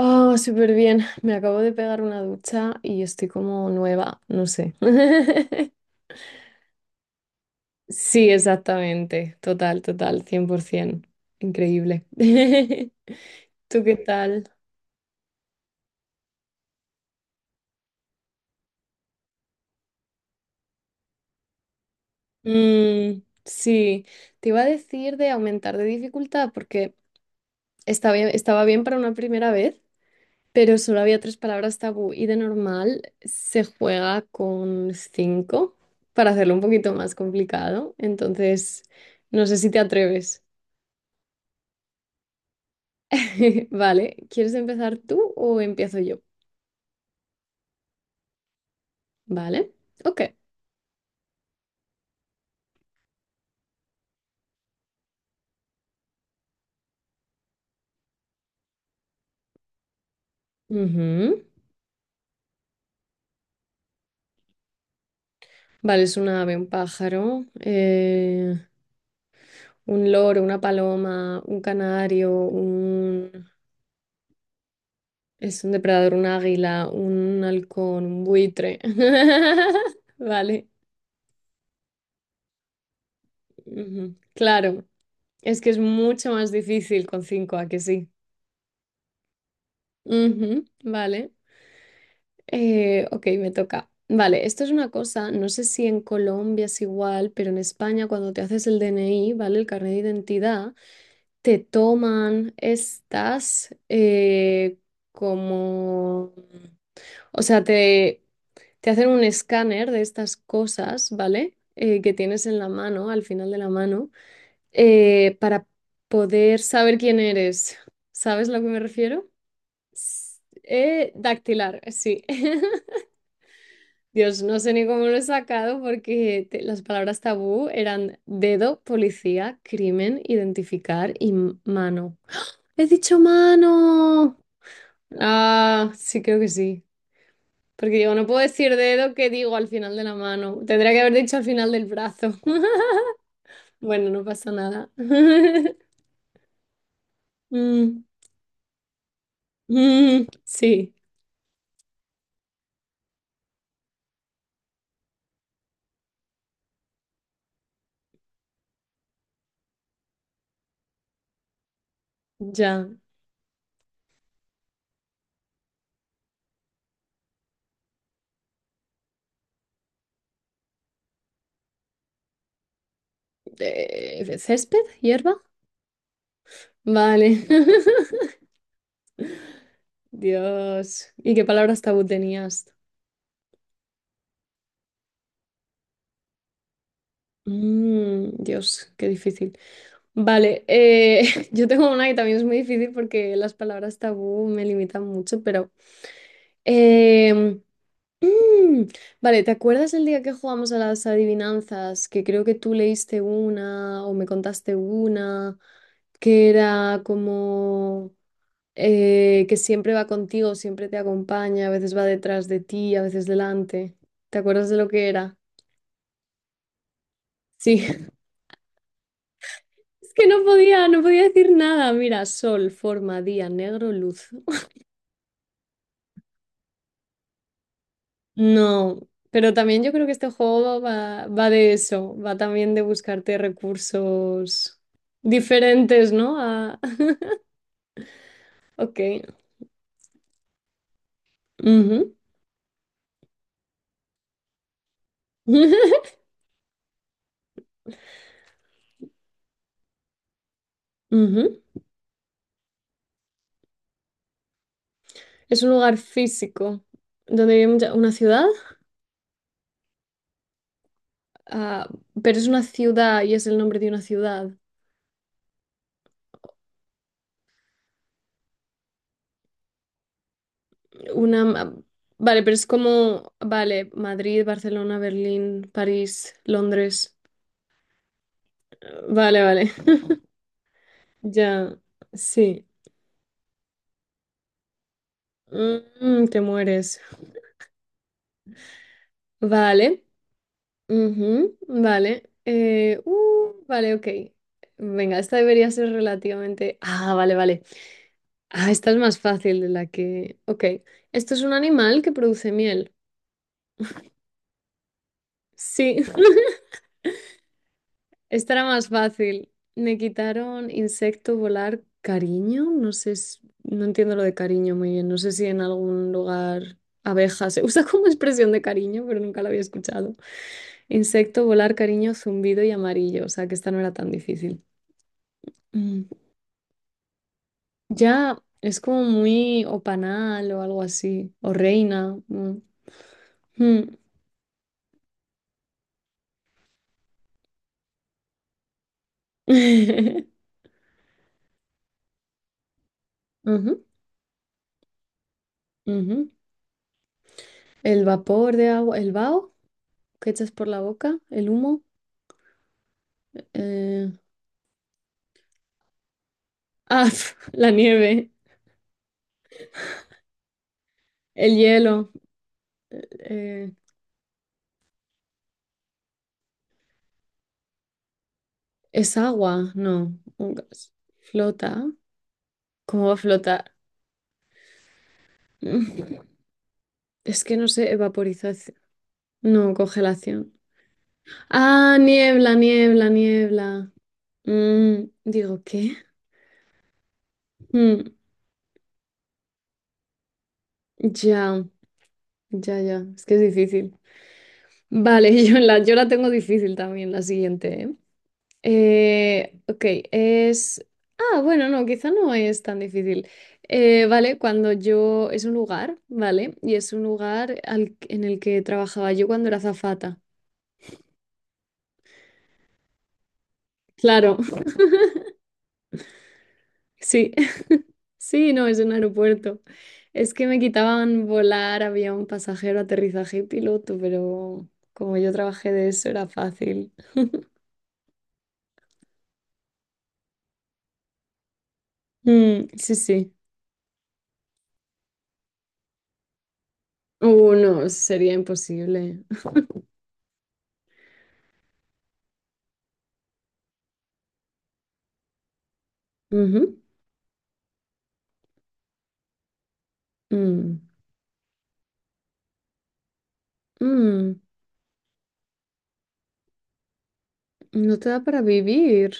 Oh, súper bien. Me acabo de pegar una ducha y estoy como nueva, no sé. Sí, exactamente. Total, total, 100%. Increíble. ¿Tú qué tal? Mm, sí, te iba a decir de aumentar de dificultad porque estaba bien para una primera vez, pero solo había tres palabras tabú y de normal se juega con cinco para hacerlo un poquito más complicado. Entonces, no sé si te atreves. Vale, ¿quieres empezar tú o empiezo yo? Vale, ok. Ujú. Vale, es un ave, un pájaro, un loro, una paloma, un canario, un... Es un depredador, un águila, un halcón, un buitre. Vale, ujú, claro. Es que es mucho más difícil con cinco, ¿a que sí? Ujú, vale. Ok, me toca. Vale, esto es una cosa, no sé si en Colombia es igual, pero en España cuando te haces el DNI, ¿vale? El carnet de identidad, te toman estas como... O sea, te hacen un escáner de estas cosas, ¿vale? Que tienes en la mano, al final de la mano, para poder saber quién eres. ¿Sabes a lo que me refiero? Dactilar, sí. Dios, no sé ni cómo lo he sacado porque las palabras tabú eran dedo, policía, crimen, identificar y mano. He dicho mano. Ah, sí, creo que sí. Porque digo, no puedo decir dedo, que digo al final de la mano. Tendría que haber dicho al final del brazo. Bueno, no pasa nada. Mm, mm, sí. Ya. ¿Césped? ¿Hierba? Vale. Dios. ¿Y qué palabras tabú tenías? Mm, Dios, qué difícil. Vale, yo tengo una que también es muy difícil porque las palabras tabú me limitan mucho, pero... em, mm, vale, ¿te acuerdas el día que jugamos a las adivinanzas? Que creo que tú leíste una o me contaste una, que era como... que siempre va contigo, siempre te acompaña, a veces va detrás de ti, a veces delante. ¿Te acuerdas de lo que era? Sí, es que no podía, no podía decir nada. Mira, sol, forma, día, negro, luz. No, pero también yo creo que este juego va, va de eso, va también de buscarte recursos diferentes, ¿no? Ok. Ujú. Ujú. Es un lugar físico donde vive una ciudad. Ah, pero es una ciudad y es el nombre de una ciudad. Una, ma- vale, pero es como, vale, Madrid, Barcelona, Berlín, París, Londres. Vale, vale. Ya, sí. Te mueres. Vale. Ujú, vale. Vale, ok. Venga, esta debería ser relativamente... Ah, vale, vale. Ah, esta es más fácil de la que... Ok. Esto es un animal que produce miel. Sí. Esta era más fácil. Me quitaron insecto, volar, cariño. No sé, no entiendo lo de cariño muy bien. No sé si en algún lugar abeja se usa como expresión de cariño, pero nunca la había escuchado. Insecto, volar, cariño, zumbido y amarillo. O sea que esta no era tan difícil. Mm. Ya es como muy, o panal o algo así. O reina. Mm. Mm. Ujú, ujú. El vapor de agua, el vaho que echas por la boca, el humo. eh, Ah, la nieve, el hielo, eh, ¿es agua? No, un gas. ¿Flota? ¿Cómo va a flotar? Mm, Es que no sé, evaporización. No, congelación. Ah, niebla, niebla, niebla. Digo, ¿qué? Mm, ya, ya, ya, es que es difícil. Vale, yo la tengo difícil también, la siguiente, ¿eh? Ok, es... Ah, bueno, no, quizá no es tan difícil. Vale, cuando yo... Es un lugar, ¿vale? Y es un lugar en el que trabajaba yo cuando era azafata. Claro, sí, sí, no, es un aeropuerto. Es que me quitaban volar, había un pasajero, aterrizaje y piloto, pero como yo trabajé de eso era fácil. Mm, sí, sí. No, sería imposible. Ujú. Mm. Mm. No te da para vivir.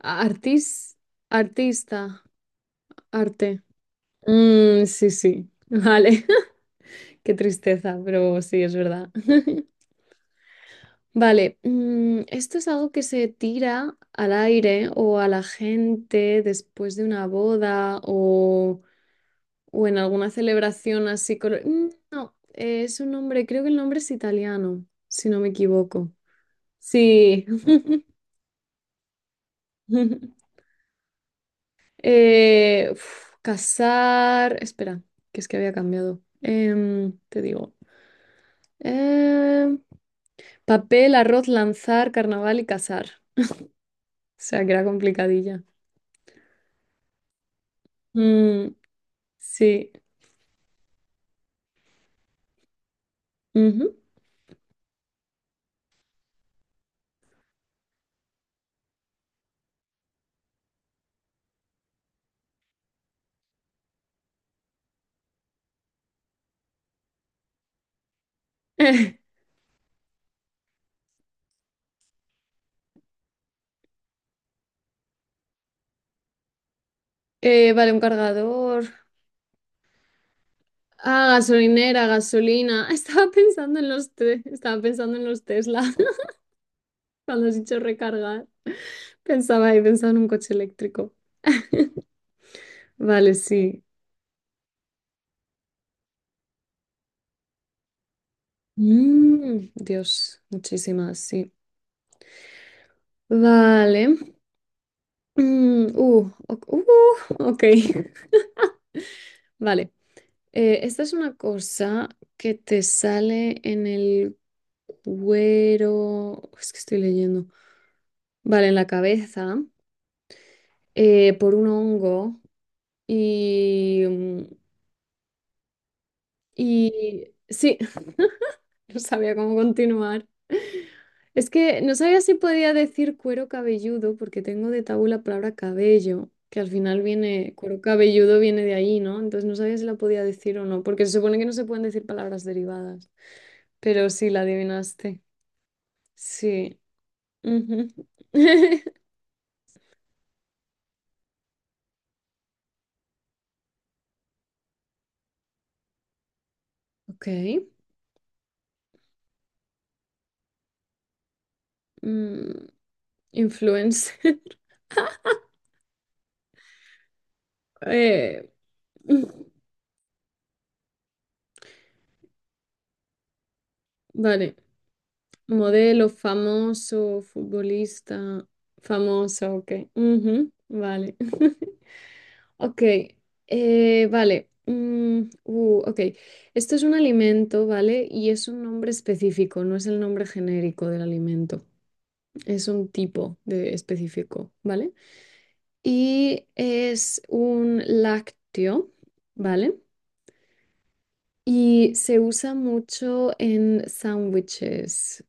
Artis, artista, arte. Mm, sí, sí, vale. Qué tristeza, pero sí, es verdad. Vale, esto es algo que se tira al aire o a la gente después de una boda, o en alguna celebración así. No, es un nombre, creo que el nombre es italiano, si no me equivoco. Sí. Uf, cazar. Espera, que es que había cambiado. Te digo. em, papel, arroz, lanzar, carnaval y cazar. O sea, que era complicadilla. Mm, sí. Ujú. Vale, un cargador. Ah, gasolinera, gasolina. Estaba pensando en los Tesla. Cuando has dicho recargar, pensaba y pensaba en un coche eléctrico. Vale, sí. Mm, Dios, muchísimas, sí. Vale. Ok. Ok. Vale. Esta es una cosa que te sale en el cuero. Es que estoy leyendo. Vale, en la cabeza, por un hongo. Y. mm, Y. Sí, no sabía cómo continuar. Es que no sabía si podía decir cuero cabelludo, porque tengo de tabú la palabra cabello, que al final viene, cuero cabelludo viene de ahí, ¿no? Entonces no sabía si la podía decir o no, porque se supone que no se pueden decir palabras derivadas. Pero sí, la adivinaste. Sí. Ujú. Ok. Mm, influencer. Eh, vale. Modelo, famoso, futbolista, famoso, ok. Ujú, vale. Ok, vale. Ok, esto es un alimento, ¿vale? Y es un nombre específico, no es el nombre genérico del alimento, es un tipo de específico, ¿vale? Y es un lácteo, ¿vale? Y se usa mucho en sándwiches.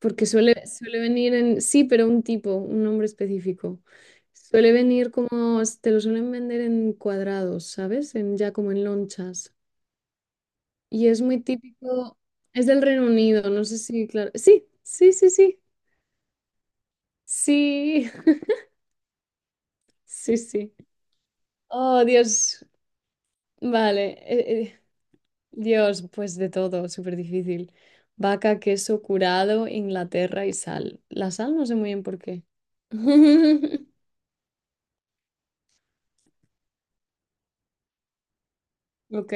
Porque suele venir en, sí, pero un tipo, un nombre específico. Suele venir como, te lo suelen vender en cuadrados, ¿sabes? En, ya como en lonchas. Y es muy típico, es del Reino Unido, no sé si, claro. Sí, sí, sí, sí, sí, sí, sí. Oh, Dios, vale. Dios, pues de todo, súper difícil. Vaca, queso curado, Inglaterra y sal. La sal no sé muy bien por qué. Ok.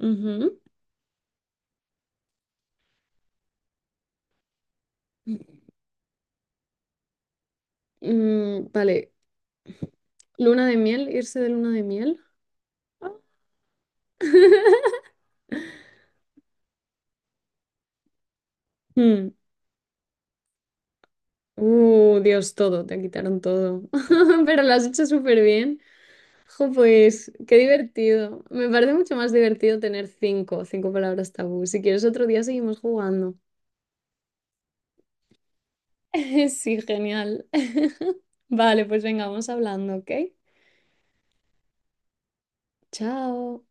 Ujú. Mm, vale. Luna de miel, irse de luna de miel. Ah. Mm. Dios, todo, te quitaron todo. Pero lo has hecho súper bien. Jo, pues, qué divertido. Me parece mucho más divertido tener cinco palabras tabú. Si quieres otro día seguimos jugando. Sí, genial. Vale, pues venga, vamos hablando, ¿ok? Chao.